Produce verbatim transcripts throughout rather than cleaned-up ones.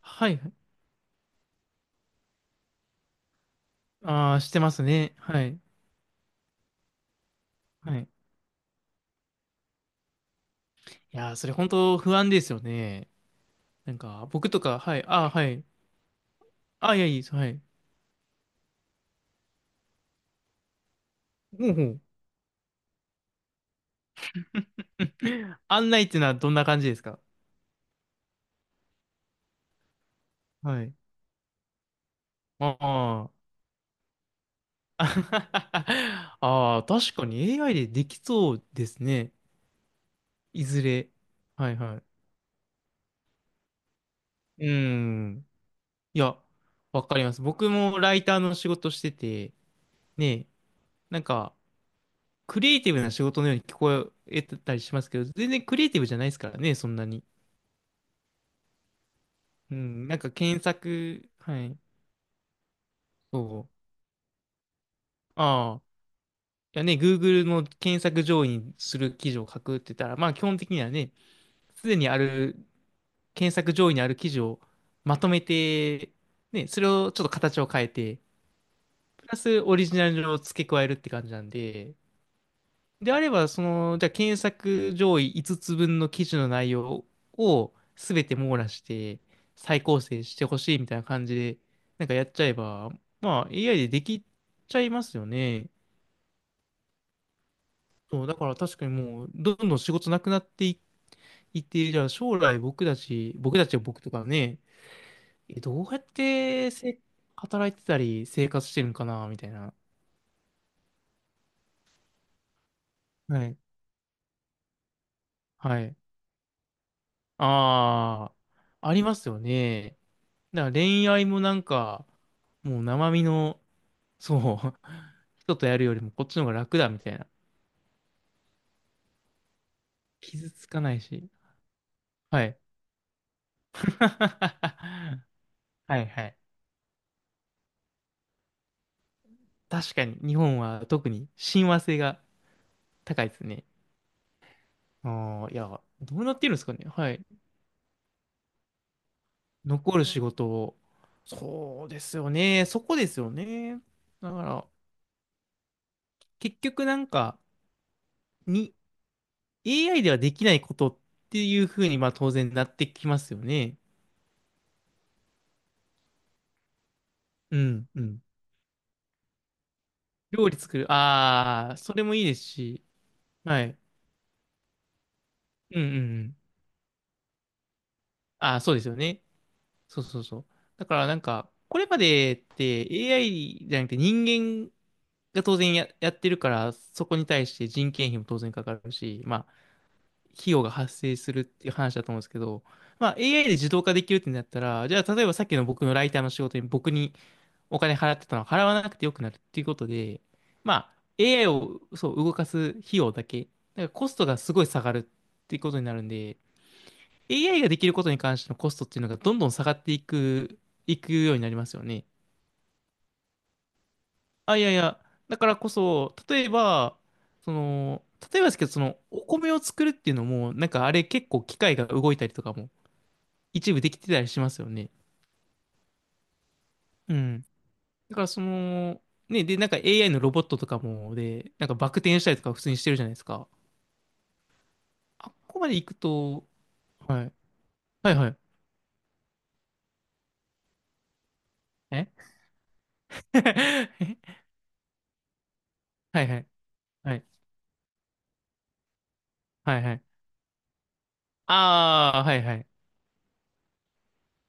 はい。ああ、してますね。はい。はい。いやー、それ本当不安ですよね。なんか、僕とか、はい。ああ、はい。ああ、いや、いいです。はい。ほうほう。案内っていうのはどんな感じですか？はい。ああ。ああ、確かに エーアイ でできそうですね。いずれ。はいはい。うん。いや、わかります。僕もライターの仕事してて、ね、なんか、クリエイティブな仕事のように聞こえたりしますけど、全然クリエイティブじゃないですからね、そんなに。うん、なんか検索、はい、そう。ああ、いやね、Google の検索上位にする記事を書くって言ったら、まあ基本的にはね、すでにある、検索上位にある記事をまとめて、ね、それをちょっと形を変えて、プラスオリジナルを付け加えるって感じなんで、であれば、その、じゃあ検索上位いつつぶんの記事の内容を全て網羅して再構成してほしいみたいな感じで、なんかやっちゃえば、まあ エーアイ でできちゃいますよね。そう、だから確かにもう、どんどん仕事なくなっていいって、じゃあ将来僕たち、僕たちは僕とかね、えどうやってせ働いてたり生活してるのかな、みたいな。はい。はい。ああ、ありますよね。だから恋愛もなんか、もう生身の、そう、人とやるよりもこっちの方が楽だみたいな。傷つかないし。はい。はいはい。確かに日本は特に親和性が高いですね。ああ、いや、どうなってるんですかね。はい。残る仕事を。そうですよね。そこですよね。だから、結局なんか、に、エーアイ ではできないことっていうふうに、まあ当然なってきますよね。うん、うん。料理作る。ああ、それもいいですし。はい。うんうんうん。ああ、そうですよね。そうそうそう。だからなんか、これまでって エーアイ じゃなくて人間が当然や、やってるから、そこに対して人件費も当然かかるし、まあ、費用が発生するっていう話だと思うんですけど、まあ、エーアイ で自動化できるってなったら、じゃあ、例えばさっきの僕のライターの仕事に僕にお金払ってたのは払わなくてよくなるっていうことで、まあ、エーアイ をそう動かす費用だけ、だからコストがすごい下がるっていうことになるんで、エーアイ ができることに関してのコストっていうのがどんどん下がっていく、いくようになりますよね。あ、いやいや、だからこそ、例えば、その、例えばですけど、その、お米を作るっていうのも、なんかあれ結構機械が動いたりとかも一部できてたりしますよね。うん。だからその、ね、で、なんか エーアイ のロボットとかも、で、なんかバク転したりとか普通にしてるじゃないですか。あっこまで行くと、はい。はいはい。え えはい はい。はい。はいはい。ああ、はいはい。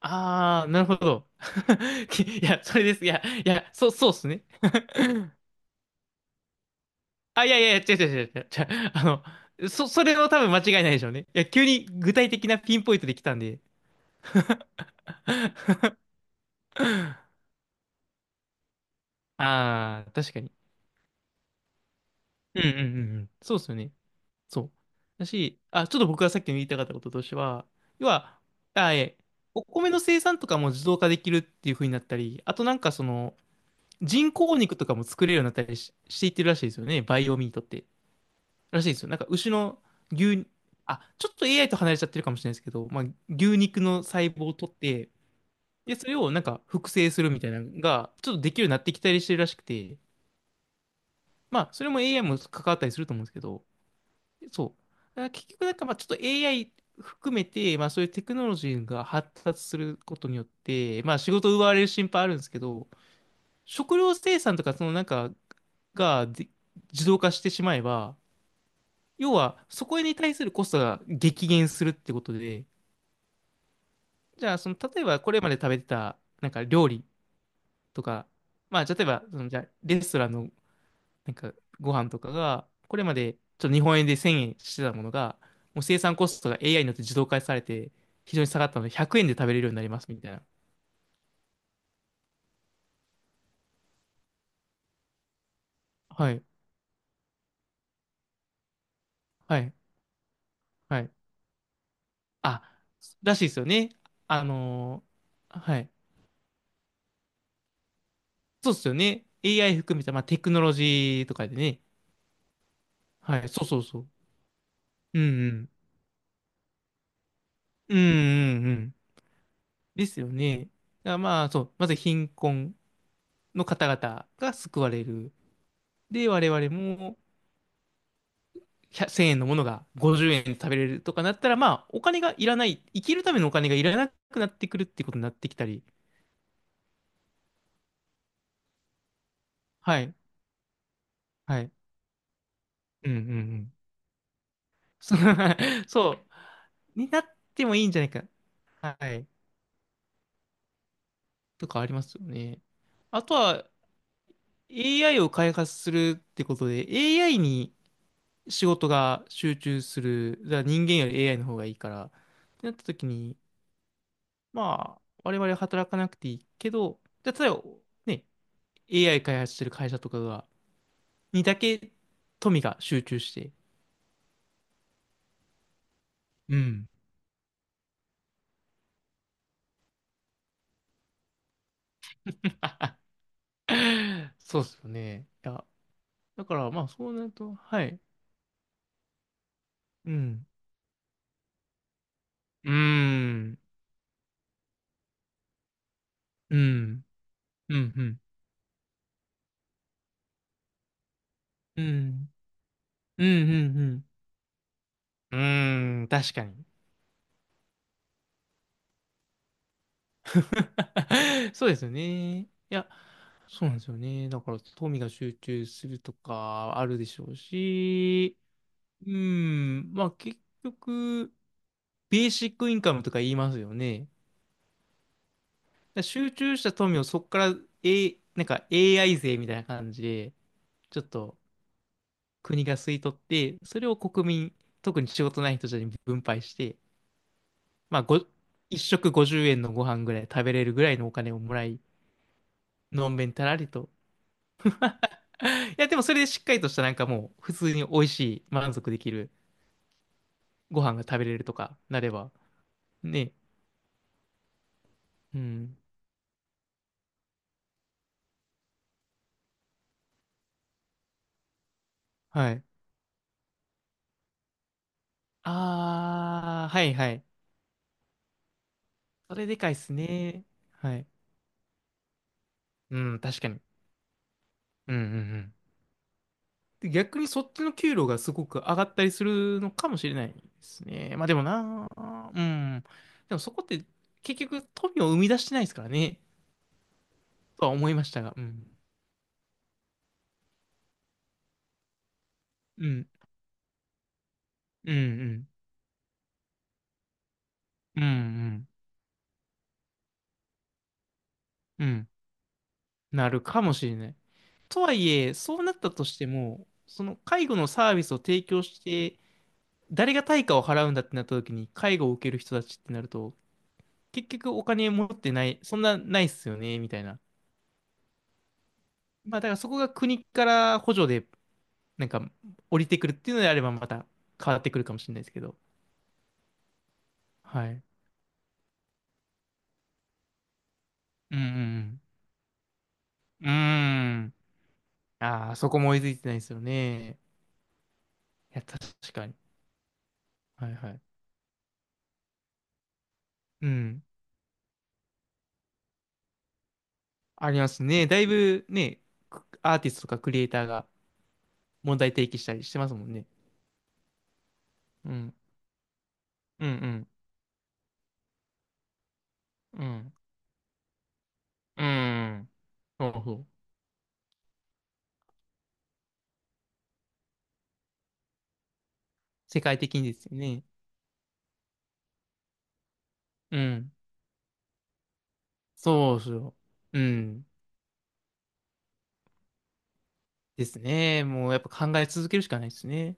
ああ、なるほど。きいや、それです。いや、いや、そう、そうっすね。あ、いやいやいや、違う違う違う違う。違うあの、そ、それは多分間違いないでしょうね。いや、急に具体的なピンポイントで来たんで。ああ、確かに。うんうんうんうん。そうっすよね。そう。だし、あ、ちょっと僕がさっきの言いたかったこととしては、要は、あ、え、お米の生産とかも自動化できるっていう風になったり、あとなんかその、人工肉とかも作れるようになったりし、していってるらしいですよね。バイオミートって。らしいですよ。なんか牛の牛、あ、ちょっと エーアイ と離れちゃってるかもしれないですけど、まあ、牛肉の細胞を取って、で、それをなんか複製するみたいなのが、ちょっとできるようになってきたりしてるらしくて、まあ、それも エーアイ も関わったりすると思うんですけど、そう。だから結局なんかまあちょっと エーアイ 含めて、まあそういうテクノロジーが発達することによって、まあ仕事を奪われる心配あるんですけど、食料生産とかそのなんかがで自動化してしまえば、要はそこに対するコストが激減するってことで、じゃあその例えばこれまで食べてたなんか料理とか、まあ例えばそのじゃあレストランのなんかご飯とかが、これまでちょっと日本円でせんえんしてたものが、もう生産コストが エーアイ によって自動化されて、非常に下がったのでひゃくえんで食べれるようになりますみたいな。はい、はい、はい。あ、らしいですよね。あのーはい。そうですよね。エーアイ 含めた、まあ、テクノロジーとかでね。はい、そうそうそう。うんうん。うんうんうん。ですよね。だからまあ、そう、まず貧困の方々が救われる。で、我々も、ひゃく ぜろえんのものがごじゅうえんで食べれるとかなったら、まあ、お金がいらない、生きるためのお金がいらなくなってくるってことになってきたり、はい、はい、うんうんうん。そう、そうになってもいいんじゃないか。はい、とかありますよね。あとは、エーアイ を開発するってことで、エーアイ に仕事が集中する、だから人間より エーアイ の方がいいから、ってなった時に、まあ、我々は働かなくていいけど、じゃあ例えばね、エーアイ 開発してる会社とかが、にだけ富が集中して、うん。そうっすよね。いや、だからまあそうなると、はい。うん。うーん。うん。うん、うん。うん。うん。うん。うん。うん。確かに。そうですよね。いや、そうなんですよね。だから、富が集中するとかあるでしょうし、うん、まあ結局、ベーシックインカムとか言いますよね。だから集中した富をそこから、A、なんか エーアイ 税みたいな感じで、ちょっと国が吸い取って、それを国民、特に仕事ない人たちに分配して、まあ、ご、一食ごじゅうえんのご飯ぐらい食べれるぐらいのお金をもらい、のんべんたらりと。いや、でもそれでしっかりとしたなんかもう、普通に美味しい、満足できるご飯が食べれるとかなれば、ね。うん。はい。ああ、はいはい。それでかいっすね。はい。うん、確かに。うんうんうん。で、逆にそっちの給料がすごく上がったりするのかもしれないですね。まあでもな。うん。でもそこって結局富を生み出してないですからね。とは思いましたが。うん。うん。うんうん。うんうん。うん。なるかもしれない。とはいえ、そうなったとしても、その介護のサービスを提供して、誰が対価を払うんだってなった時に、介護を受ける人たちってなると、結局お金持ってない、そんなないっすよね、みたいな。まあだからそこが国から補助で、なんか降りてくるっていうのであればまた変わってくるかもしれないですけど。はい。うんうんうん。うーん。ああ、そこも追いついてないですよね。いや、確かに。はいはい。うん。ありますね。だいぶね、くアーティストとかクリエイターが問題提起したりしてますもんね。うん。うんうん。うん。うん。そうそう。世界的にですよね。うん。そうそう。うん。ですね。もうやっぱ考え続けるしかないですね。